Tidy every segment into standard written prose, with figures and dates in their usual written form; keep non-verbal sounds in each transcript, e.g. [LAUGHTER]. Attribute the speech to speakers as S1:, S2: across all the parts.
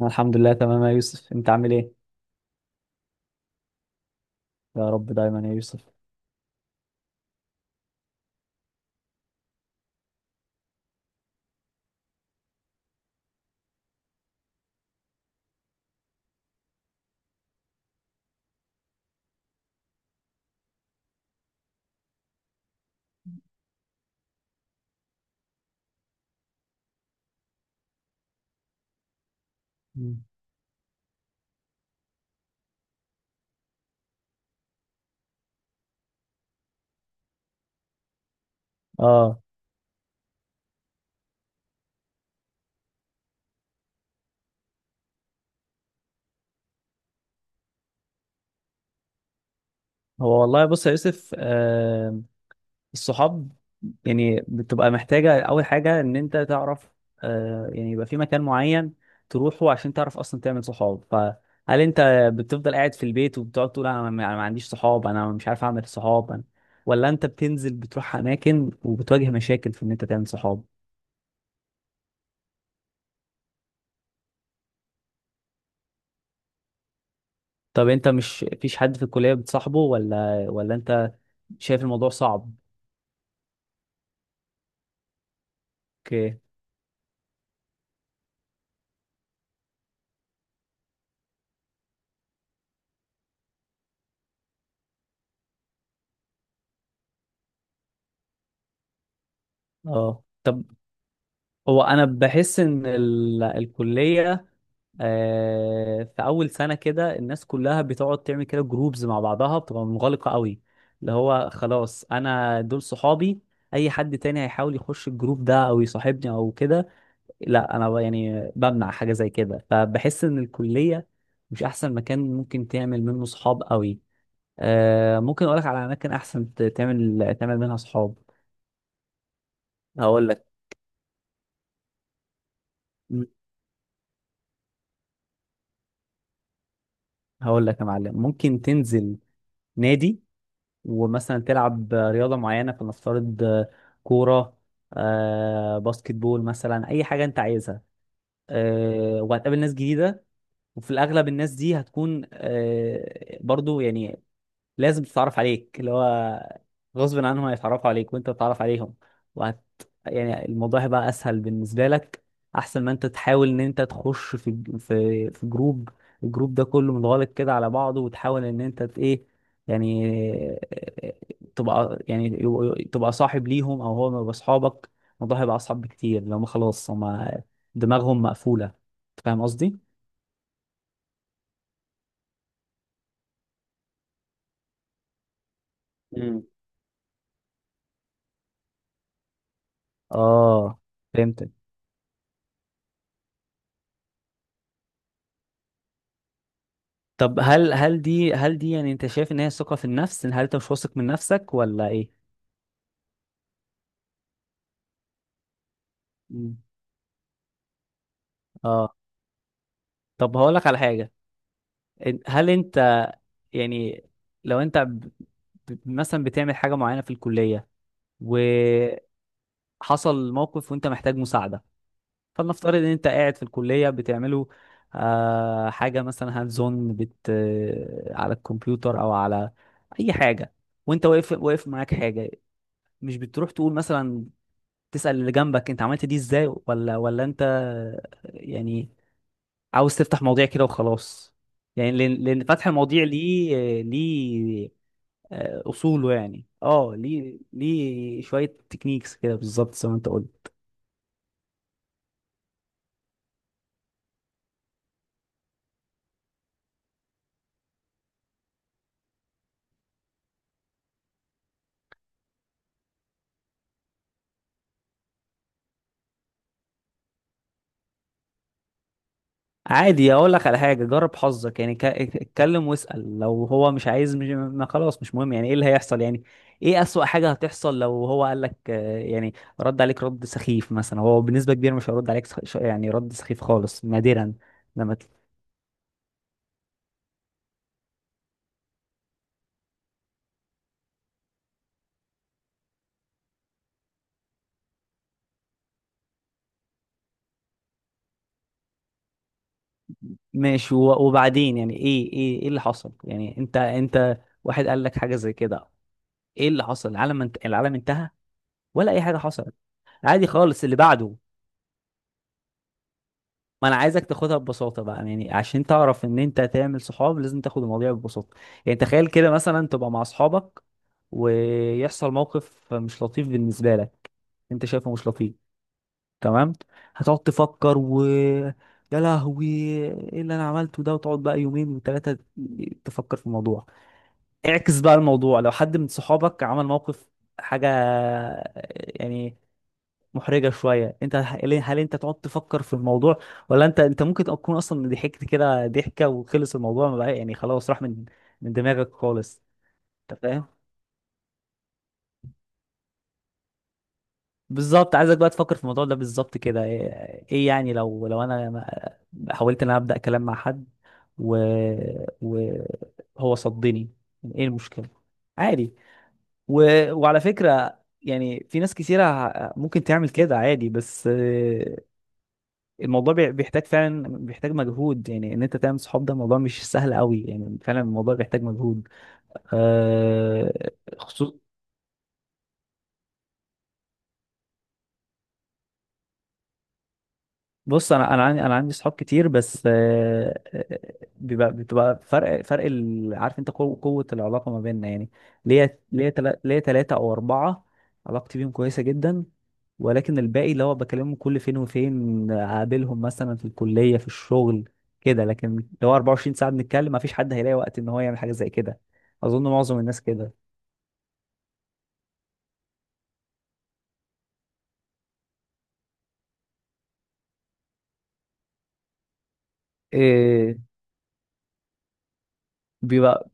S1: أنا الحمد لله تمام يا يوسف، انت عامل ايه؟ يا رب دايما يا يوسف. مم. اه. هو والله بص يا يوسف، الصحاب يعني بتبقى محتاجة اول حاجة ان انت تعرف، يعني يبقى في مكان معين تروحه عشان تعرف اصلا تعمل صحاب. فهل انت بتفضل قاعد في البيت وبتقعد تقول انا ما أنا ما عنديش صحاب، انا مش عارف اعمل صحاب أنا، ولا انت بتنزل بتروح اماكن وبتواجه مشاكل في ان انت تعمل صحاب؟ طب انت مش فيش حد في الكلية بتصاحبه، ولا انت شايف الموضوع صعب؟ اوكي. اه طب هو انا بحس ان ال، الكليه في اول سنه كده الناس كلها بتقعد تعمل كده جروبز مع بعضها، بتبقى منغلقه قوي، اللي هو خلاص انا دول صحابي. اي حد تاني هيحاول يخش الجروب ده او يصاحبني او كده، لا. انا يعني بمنع حاجه زي كده، فبحس ان الكليه مش احسن مكان ممكن تعمل منه صحاب قوي. ممكن اقولك على اماكن احسن تعمل منها صحاب. هقول لك، هقول لك يا معلم ممكن تنزل نادي ومثلا تلعب رياضة معينة، فلنفترض كورة، باسكت بول، مثلا أي حاجة أنت عايزها. وهتقابل ناس جديدة، وفي الأغلب الناس دي هتكون برضو يعني لازم تتعرف عليك، اللي هو غصب عنهم هيتعرفوا عليك وانت تتعرف عليهم. وهت، يعني الموضوع هيبقى اسهل بالنسبه لك، احسن ما انت تحاول ان انت تخش في في جروب الجروب ده كله متغلق كده على بعضه، وتحاول ان انت ايه، يعني [LAUGHS] تبقى يعني تبقى صاحب ليهم او هو يبقى اصحابك. الموضوع هيبقى اصعب بكتير لو ما خلاص هم دماغهم مقفوله، أنت فاهم قصدي. مم. اه فهمت. طب هل دي يعني انت شايف ان هي ثقة في النفس، ان هل انت مش واثق من نفسك ولا ايه؟ مم. اه. طب هقول لك على حاجة. هل انت يعني لو انت مثلا بتعمل حاجة معينة في الكلية وحصل موقف وانت محتاج مساعدة، فلنفترض ان انت قاعد في الكلية بتعمله حاجة مثلا هاند زون بت، على الكمبيوتر او على اي حاجة، وانت واقف معاك حاجة، مش بتروح تقول مثلا تسأل اللي جنبك انت عملت دي ازاي، ولا انت يعني عاوز تفتح مواضيع كده وخلاص؟ يعني لأن فتح المواضيع ليه اصوله يعني. اه ليه شوية تكنيكس كده بالظبط زي ما انت قلت. عادي، اقول لك على حاجه جرب حظك يعني، اتكلم واسال، لو هو مش عايز مش، ما خلاص مش مهم، يعني ايه اللي هيحصل يعني؟ ايه اسوأ حاجه هتحصل؟ لو هو قال لك يعني رد عليك رد سخيف مثلا، هو بنسبه كبيره مش هيرد عليك يعني رد سخيف خالص نادرا. لما ت- ماشي، وبعدين يعني ايه اللي حصل يعني؟ انت واحد قال لك حاجه زي كده، ايه اللي حصل؟ العالم انت، العالم انتهى ولا اي حاجه حصلت؟ عادي خالص اللي بعده. ما انا عايزك تاخدها ببساطه بقى، يعني عشان تعرف ان انت تعمل صحاب لازم تاخد المواضيع ببساطه. يعني تخيل كده مثلا تبقى مع اصحابك ويحصل موقف مش لطيف بالنسبه لك، انت شايفه مش لطيف، تمام. هتقعد تفكر، و يا لهوي ايه اللي انا عملته ده، وتقعد بقى يومين وثلاثه تفكر في الموضوع. اعكس بقى الموضوع، لو حد من صحابك عمل موقف، حاجه يعني محرجه شويه، انت هل انت تقعد تفكر في الموضوع، ولا انت ممكن تكون اصلا ضحكت كده ضحكه وخلص الموضوع، ما بقى يعني خلاص راح من من دماغك خالص؟ انت فاهم، بالظبط عايزك بقى تفكر في الموضوع ده بالظبط كده. ايه ايه يعني لو لو انا حاولت ان انا ابدا كلام مع حد و وهو صدني، ايه المشكله؟ عادي. و... وعلى فكره يعني في ناس كثيره ممكن تعمل كده عادي، بس الموضوع بيحتاج فعلا، بيحتاج مجهود، يعني ان انت تعمل صحاب ده موضوع مش سهل قوي، يعني فعلا الموضوع بيحتاج مجهود. آه خصوص، بص انا، انا عندي صحاب كتير بس، بيبقى بتبقى فرق عارف انت قوه العلاقه ما بيننا يعني. ليا ثلاثه او اربعه علاقتي بيهم كويسه جدا، ولكن الباقي اللي هو بكلمهم كل فين وفين اقابلهم مثلا في الكليه في الشغل كده، لكن لو 24 ساعه بنتكلم ما فيش حد هيلاقي وقت ان هو يعمل حاجه زي كده. اظن معظم الناس كده. إيه بيبقى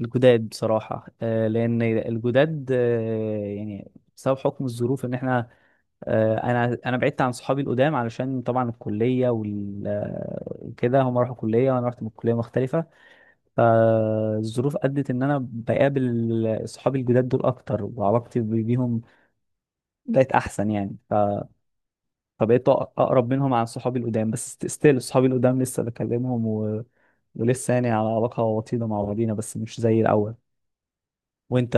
S1: الجداد بصراحة، لأن الجداد يعني بسبب حكم الظروف، إن إحنا أنا بعدت عن صحابي القدام علشان طبعا الكلية وكده، هم راحوا كلية وأنا رحت من كلية مختلفة، فالظروف أدت إن أنا بقابل صحابي الجداد دول أكتر، وعلاقتي بيهم بقت أحسن يعني، فبقيت أقرب منهم عن صحابي القدام، بس ستيل صحابي القدام لسه بكلمهم، و... ولسه يعني على علاقة وطيدة مع بعضينا بس مش زي الأول. وأنت؟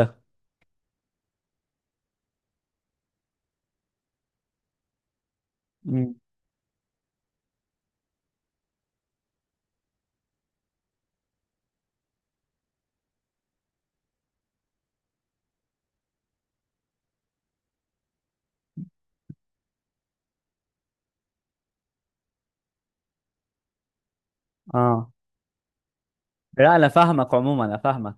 S1: مم. آه لا انا فاهمك، عموما انا فاهمك.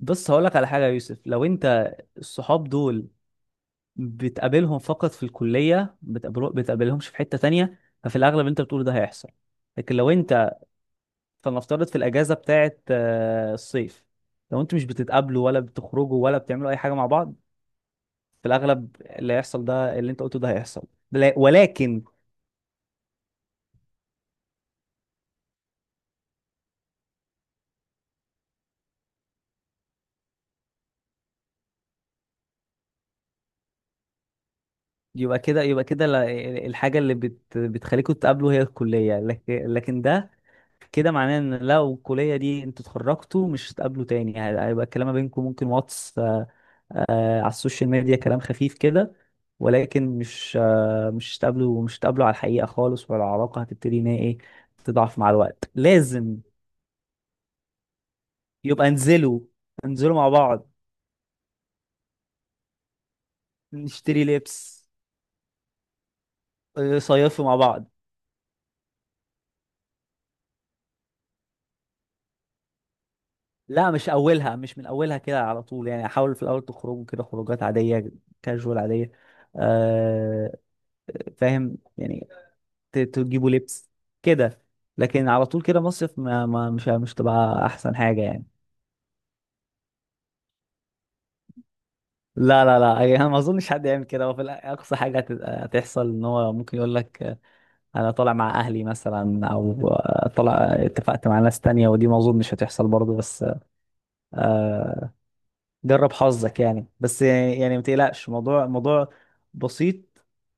S1: بص هقول لك على حاجه يا يوسف، لو انت الصحاب دول بتقابلهم فقط في الكليه، بتقابلهمش في حته تانية، ففي الاغلب انت بتقول ده هيحصل. لكن لو انت فلنفترض في الاجازه بتاعه الصيف، لو انتوا مش بتتقابلوا ولا بتخرجوا ولا بتعملوا اي حاجه مع بعض، في الاغلب اللي هيحصل ده اللي انت قلته ده هيحصل. ولكن يبقى كده الحاجه اللي بتخليكم تتقابلوا هي الكليه، لكن ده كده معناه ان لو الكليه دي انتوا اتخرجتوا مش هتقابلوا تاني، يعني هيبقى الكلام ما بينكم ممكن واتس، على السوشيال ميديا كلام خفيف كده، ولكن مش مش هتقابلوا على الحقيقه خالص، ولا العلاقه هتبتدي ان هي ايه تضعف مع الوقت لازم. يبقى انزلوا، انزلوا مع بعض، نشتري لبس، صيفوا مع بعض. لا مش اولها، مش من اولها كده على طول يعني، حاولوا في الاول تخرجوا كده خروجات عاديه، كاجوال عاديه. آه، فاهم يعني، تجيبوا لبس كده، لكن على طول كده مصيف، ما ما مش مش تبقى احسن حاجه يعني. لا يعني انا [LAUGHS] ما اظنش حد يعمل كده، وفي اقصى حاجه هتحصل ان هو ممكن يقول لك انا طالع مع اهلي مثلا، او طالع اتفقت مع ناس تانية، ودي ما اظنش هتحصل برضه. بس آه، جرب حظك يعني، بس يعني ما تقلقش، موضوع بسيط.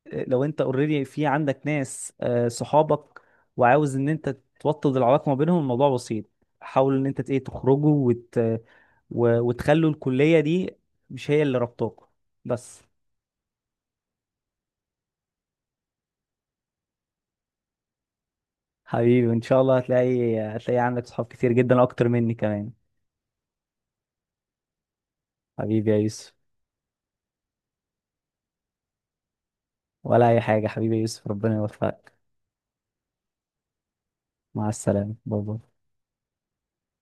S1: لو انت اوريدي في عندك ناس صحابك، وعاوز ان انت توطد العلاقه ما بينهم، الموضوع بسيط، حاول ان انت ايه تخرجوا، وت... و... وتخلوا الكليه دي مش هي اللي ربطوكوا بس. حبيبي ان شاء الله هتلاقي، هتلاقي عندك صحاب كتير جدا اكتر مني كمان. حبيبي يا يوسف، ولا اي حاجه حبيبي يا يوسف، ربنا يوفقك. مع السلامه، باي باي.